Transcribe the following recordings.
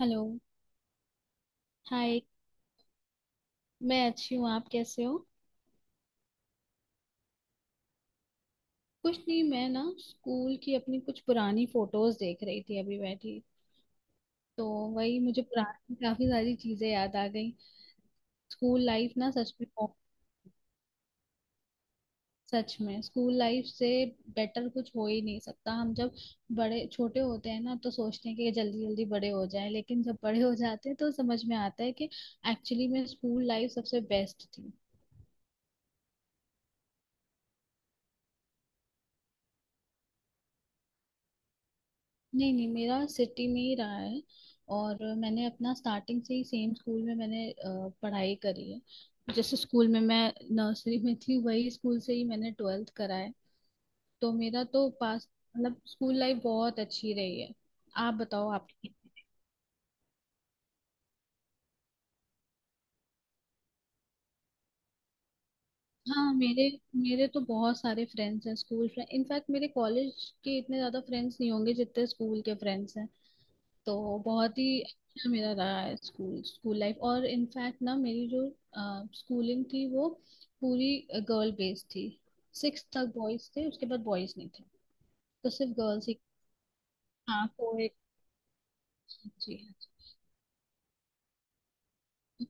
Hello. Hi. मैं अच्छी हूँ, आप कैसे हो? कुछ नहीं, मैं ना स्कूल की अपनी कुछ पुरानी फोटोज देख रही थी, अभी बैठी तो वही मुझे पुरानी काफी सारी चीजें याद आ गई। स्कूल लाइफ ना सच में बहुत-। सच में स्कूल लाइफ से बेटर कुछ हो ही नहीं सकता। हम जब बड़े छोटे होते हैं ना तो सोचते हैं कि जल्दी जल्दी बड़े हो जाएं, लेकिन जब बड़े हो जाते हैं तो समझ में आता है कि एक्चुअली में स्कूल लाइफ सबसे बेस्ट थी। नहीं नहीं, मेरा सिटी में ही रहा है। और मैंने अपना स्टार्टिंग से ही सेम स्कूल में मैंने पढ़ाई करी है। जैसे स्कूल में मैं नर्सरी में थी वही स्कूल से ही मैंने ट्वेल्थ करा है। तो मेरा तो पास मतलब स्कूल लाइफ बहुत अच्छी रही है। आप बताओ आप। हाँ, मेरे मेरे तो बहुत सारे फ्रेंड्स हैं स्कूल फ्रेंड। इनफैक्ट मेरे कॉलेज के इतने ज्यादा फ्रेंड्स नहीं होंगे जितने स्कूल के फ्रेंड्स हैं। तो बहुत ही अच्छा मेरा रहा है स्कूल स्कूल लाइफ। और इनफैक्ट ना मेरी जो स्कूलिंग थी वो पूरी गर्ल बेस्ड थी। सिक्स तक बॉयज थे, उसके बाद बॉयज नहीं थे। तो सिर्फ गर्ल्स ही। हाँ, कोएड। जी हाँ। जी।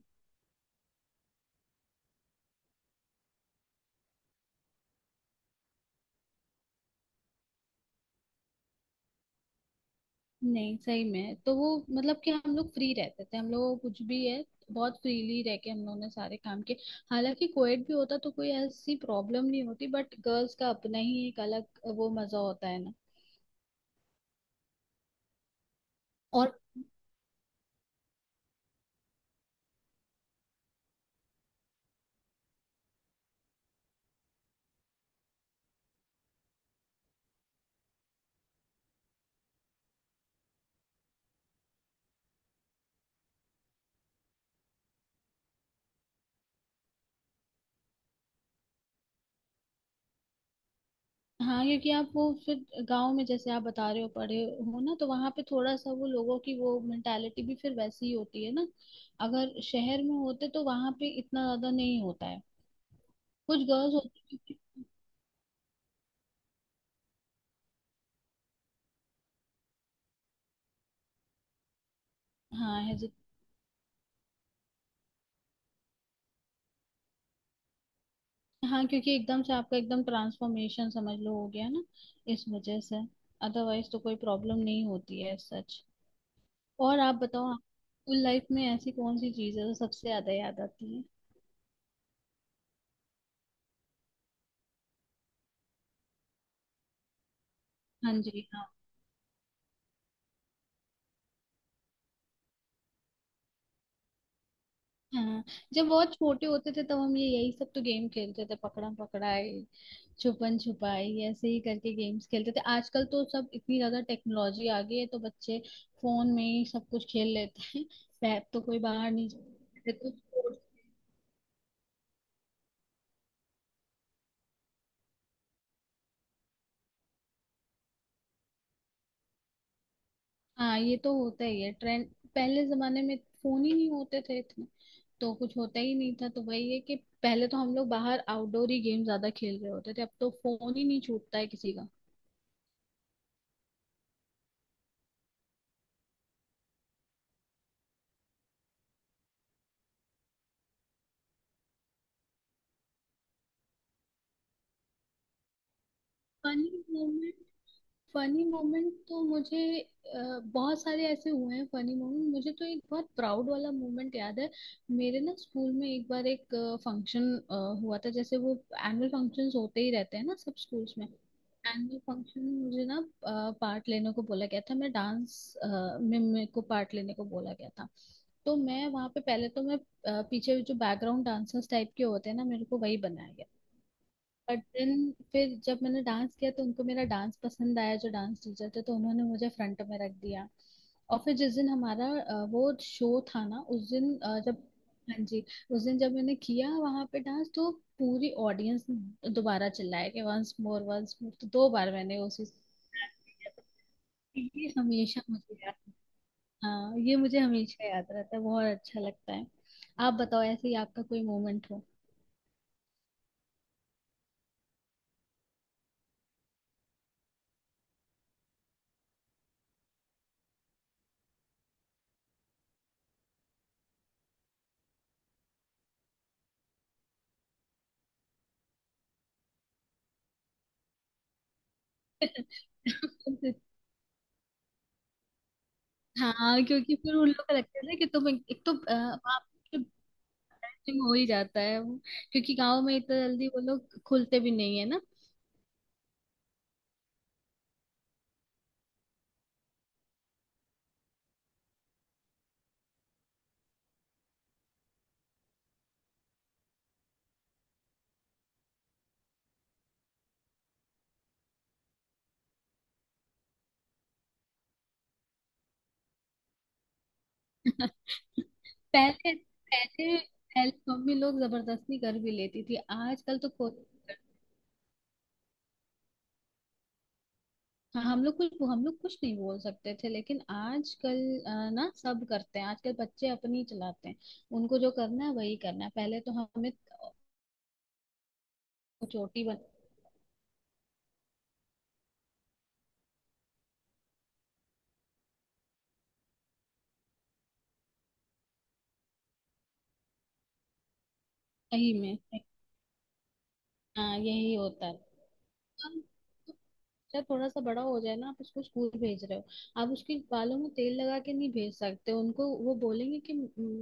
नहीं, सही में तो वो मतलब कि हम लोग फ्री रहते थे, हम लोग कुछ भी है। बहुत फ्रीली रह के हम लोगों ने सारे काम किए। हालांकि कोएड भी होता तो कोई ऐसी प्रॉब्लम नहीं होती, बट गर्ल्स का अपना ही एक अलग वो मजा होता है ना। और हाँ, क्योंकि आप वो फिर गांव में जैसे आप बता रहे हो पढ़े हो ना, तो वहां पे थोड़ा सा वो लोगों की वो मेंटालिटी भी फिर वैसी ही होती है ना। अगर शहर में होते तो वहां पे इतना ज्यादा नहीं होता है। कुछ गर्ल्स होती हैं जो-। हाँ, हेजिट। हाँ, क्योंकि एकदम से आपका एकदम ट्रांसफॉर्मेशन समझ लो हो गया ना, इस वजह से। अदरवाइज तो कोई प्रॉब्लम नहीं होती है, सच। और आप बताओ स्कूल लाइफ में ऐसी कौन सी चीज है जो सबसे ज्यादा याद आती है? हाँ, जी हाँ। हाँ, जब बहुत छोटे होते थे तब हम ये यही सब तो गेम खेलते थे। पकड़म पकड़ाई, छुपन छुपाई ऐसे ही करके गेम्स खेलते थे। आजकल तो सब इतनी ज्यादा टेक्नोलॉजी आ गई है तो बच्चे फोन में ही सब कुछ खेल लेते हैं। पैर तो कोई बाहर नहीं जाते, तो sports-। हाँ, ये तो होता ही है ट्रेंड। पहले जमाने में फोन ही नहीं होते थे इतने, तो कुछ होता ही नहीं था। तो वही है कि पहले तो हम लोग बाहर आउटडोर ही गेम ज्यादा खेल रहे होते थे, अब तो फोन ही नहीं छूटता है किसी का। फनी फनी मोमेंट तो मुझे अ, बहुत सारे ऐसे हुए हैं। फनी मोमेंट मुझे तो एक बहुत प्राउड वाला मोमेंट याद है। मेरे ना स्कूल में एक बार एक फंक्शन हुआ था। जैसे वो एनुअल फंक्शंस होते ही रहते हैं ना सब स्कूल्स में, एनुअल फंक्शन में मुझे ना पार्ट लेने को बोला गया था। मैं डांस में, मेरे को पार्ट लेने को बोला गया था। तो मैं वहाँ पे पहले तो मैं पीछे जो बैकग्राउंड डांसर्स टाइप के होते हैं ना, मेरे को वही बनाया गया। बट देन फिर जब मैंने डांस किया तो उनको मेरा डांस पसंद आया, जो डांस टीचर थे तो उन्होंने मुझे फ्रंट में रख दिया। और फिर जिस दिन हमारा वो शो था ना, उस दिन जब हाँ जी, उस दिन जब मैंने किया वहां पे डांस, तो पूरी ऑडियंस दोबारा चिल्लाया कि वंस मोर वंस मोर, तो दो बार मैंने उसी। ये हमेशा मुझे याद। हाँ, ये मुझे हमेशा याद रहता है, बहुत अच्छा लगता है। आप बताओ ऐसे ही आपका कोई मोमेंट हो। हाँ, क्योंकि फिर उन लोग का लगता है ना कि तुम एक तो बाप के bashing हो ही जाता है वो। क्योंकि गांव में इतना जल्दी वो लोग खुलते भी नहीं है ना। पहले पहले पहले मम्मी लोग जबरदस्ती कर भी लेती थी, आजकल तो कोई नहीं करता। हाँ, हम लोग कुछ नहीं बोल सकते थे, लेकिन आजकल ना सब करते हैं। आजकल बच्चे अपनी चलाते हैं, उनको जो करना है वही करना है। पहले तो हमें चोटी बन यही में। हाँ, यही होता है। बच्चा थोड़ा सा बड़ा हो जाए ना, आप उसको स्कूल भेज रहे हो, आप उसके बालों में तेल लगा के नहीं भेज सकते। उनको वो बोलेंगे कि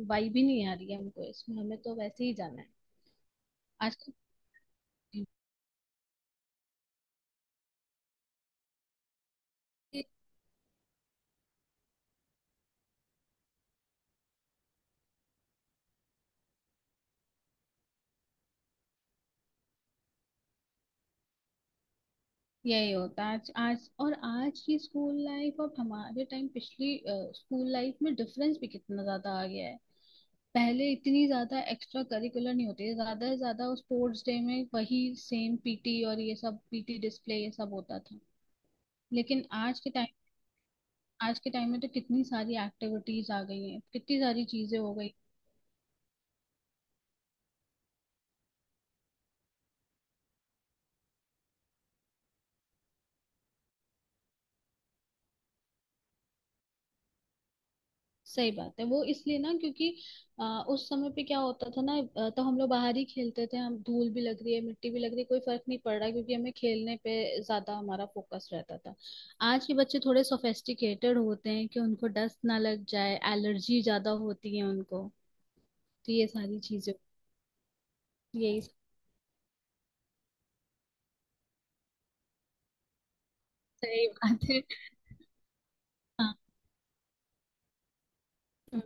बाई भी नहीं आ रही है हमको इसमें, हमें तो वैसे ही जाना है आजकल। यही होता है आज, आज और आज की स्कूल लाइफ और हमारे टाइम पिछली स्कूल लाइफ में डिफरेंस भी कितना ज्यादा आ गया है। पहले इतनी ज्यादा एक्स्ट्रा करिकुलर नहीं होती थी, ज्यादा से ज्यादा स्पोर्ट्स डे में वही सेम पीटी और ये सब पीटी डिस्प्ले ये सब होता था। लेकिन आज के टाइम, आज के टाइम में तो कितनी सारी एक्टिविटीज आ गई हैं, कितनी सारी चीजें हो गई। सही बात है, वो इसलिए ना क्योंकि उस समय पे क्या होता था ना, तो हम लोग बाहर ही खेलते थे। हम धूल भी लग रही है, मिट्टी भी लग रही है, कोई फर्क नहीं पड़ रहा क्योंकि हमें खेलने पे ज्यादा हमारा फोकस रहता था। आज के बच्चे थोड़े सोफेस्टिकेटेड होते हैं कि उनको डस्ट ना लग जाए, एलर्जी ज्यादा होती है उनको, तो ये सारी चीजें। यही सही बात है। हाँ। हम्म।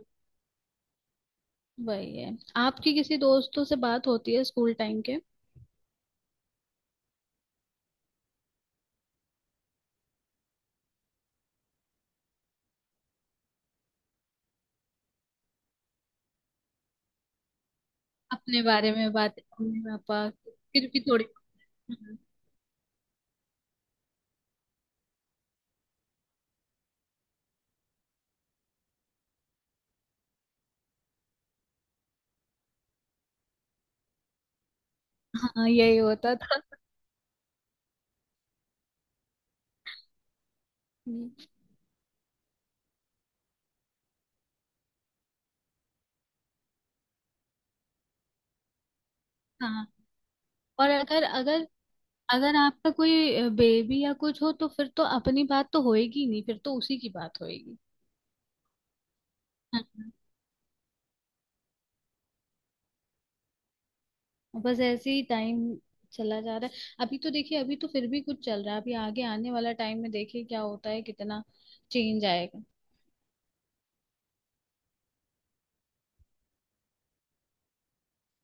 वही है, आपकी किसी दोस्तों से बात होती है स्कूल टाइम के? अपने बारे में बात, मम्मी पापा फिर भी थोड़ी। हाँ, यही होता था। हम्म। हाँ। और अगर अगर अगर आपका कोई बेबी या कुछ हो तो फिर तो अपनी बात तो होएगी नहीं, फिर तो उसी की बात होएगी। हाँ, बस ऐसे ही टाइम चला जा रहा है। अभी तो देखिए, अभी तो फिर भी कुछ चल रहा है, अभी आगे आने वाला टाइम में देखिए क्या होता है, कितना चेंज आएगा।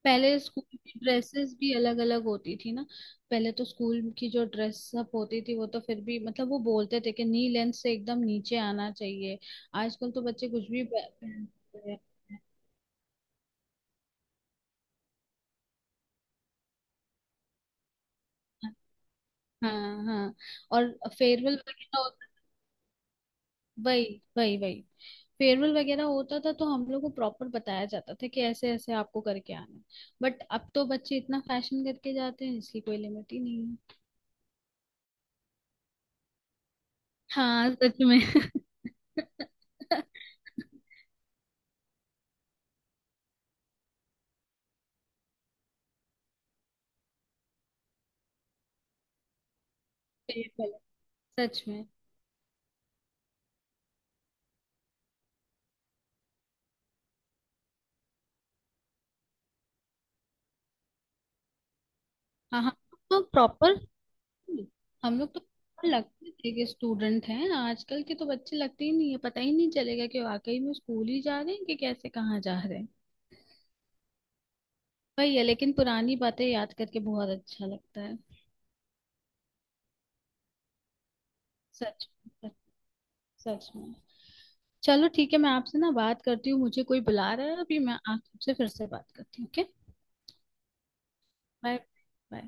पहले स्कूल की ड्रेसेस भी अलग अलग होती थी ना। पहले तो स्कूल की जो ड्रेस अप होती थी वो तो फिर भी मतलब वो बोलते थे कि नी लेंथ से एकदम नीचे आना चाहिए। आजकल तो बच्चे कुछ भी पहनते हैं। हाँ हाँ। और फेयरवेल वगैरह होता वही वही वही फेयरवेल वगैरह होता था तो हम लोग को प्रॉपर बताया जाता था कि ऐसे ऐसे आपको करके आना है। बट अब तो बच्चे इतना फैशन करके जाते हैं, इसकी कोई लिमिट ही नहीं है। हाँ सच में। फेयरवेल, सच में। हाँ हाँ, तो प्रॉपर हम लोग तो proper लगते थे कि स्टूडेंट हैं, आजकल के तो बच्चे लगते ही नहीं है, पता ही नहीं चलेगा कि वाकई में स्कूल ही जा रहे हैं कि कैसे कहाँ जा रहे हैं। वही है, लेकिन पुरानी बातें याद करके बहुत अच्छा लगता है। सच में, सच सच में। चलो ठीक है, मैं आपसे ना बात करती हूँ, मुझे कोई बुला रहा है अभी, मैं आपसे फिर से बात करती हूँ, ओके। बाय। बाय।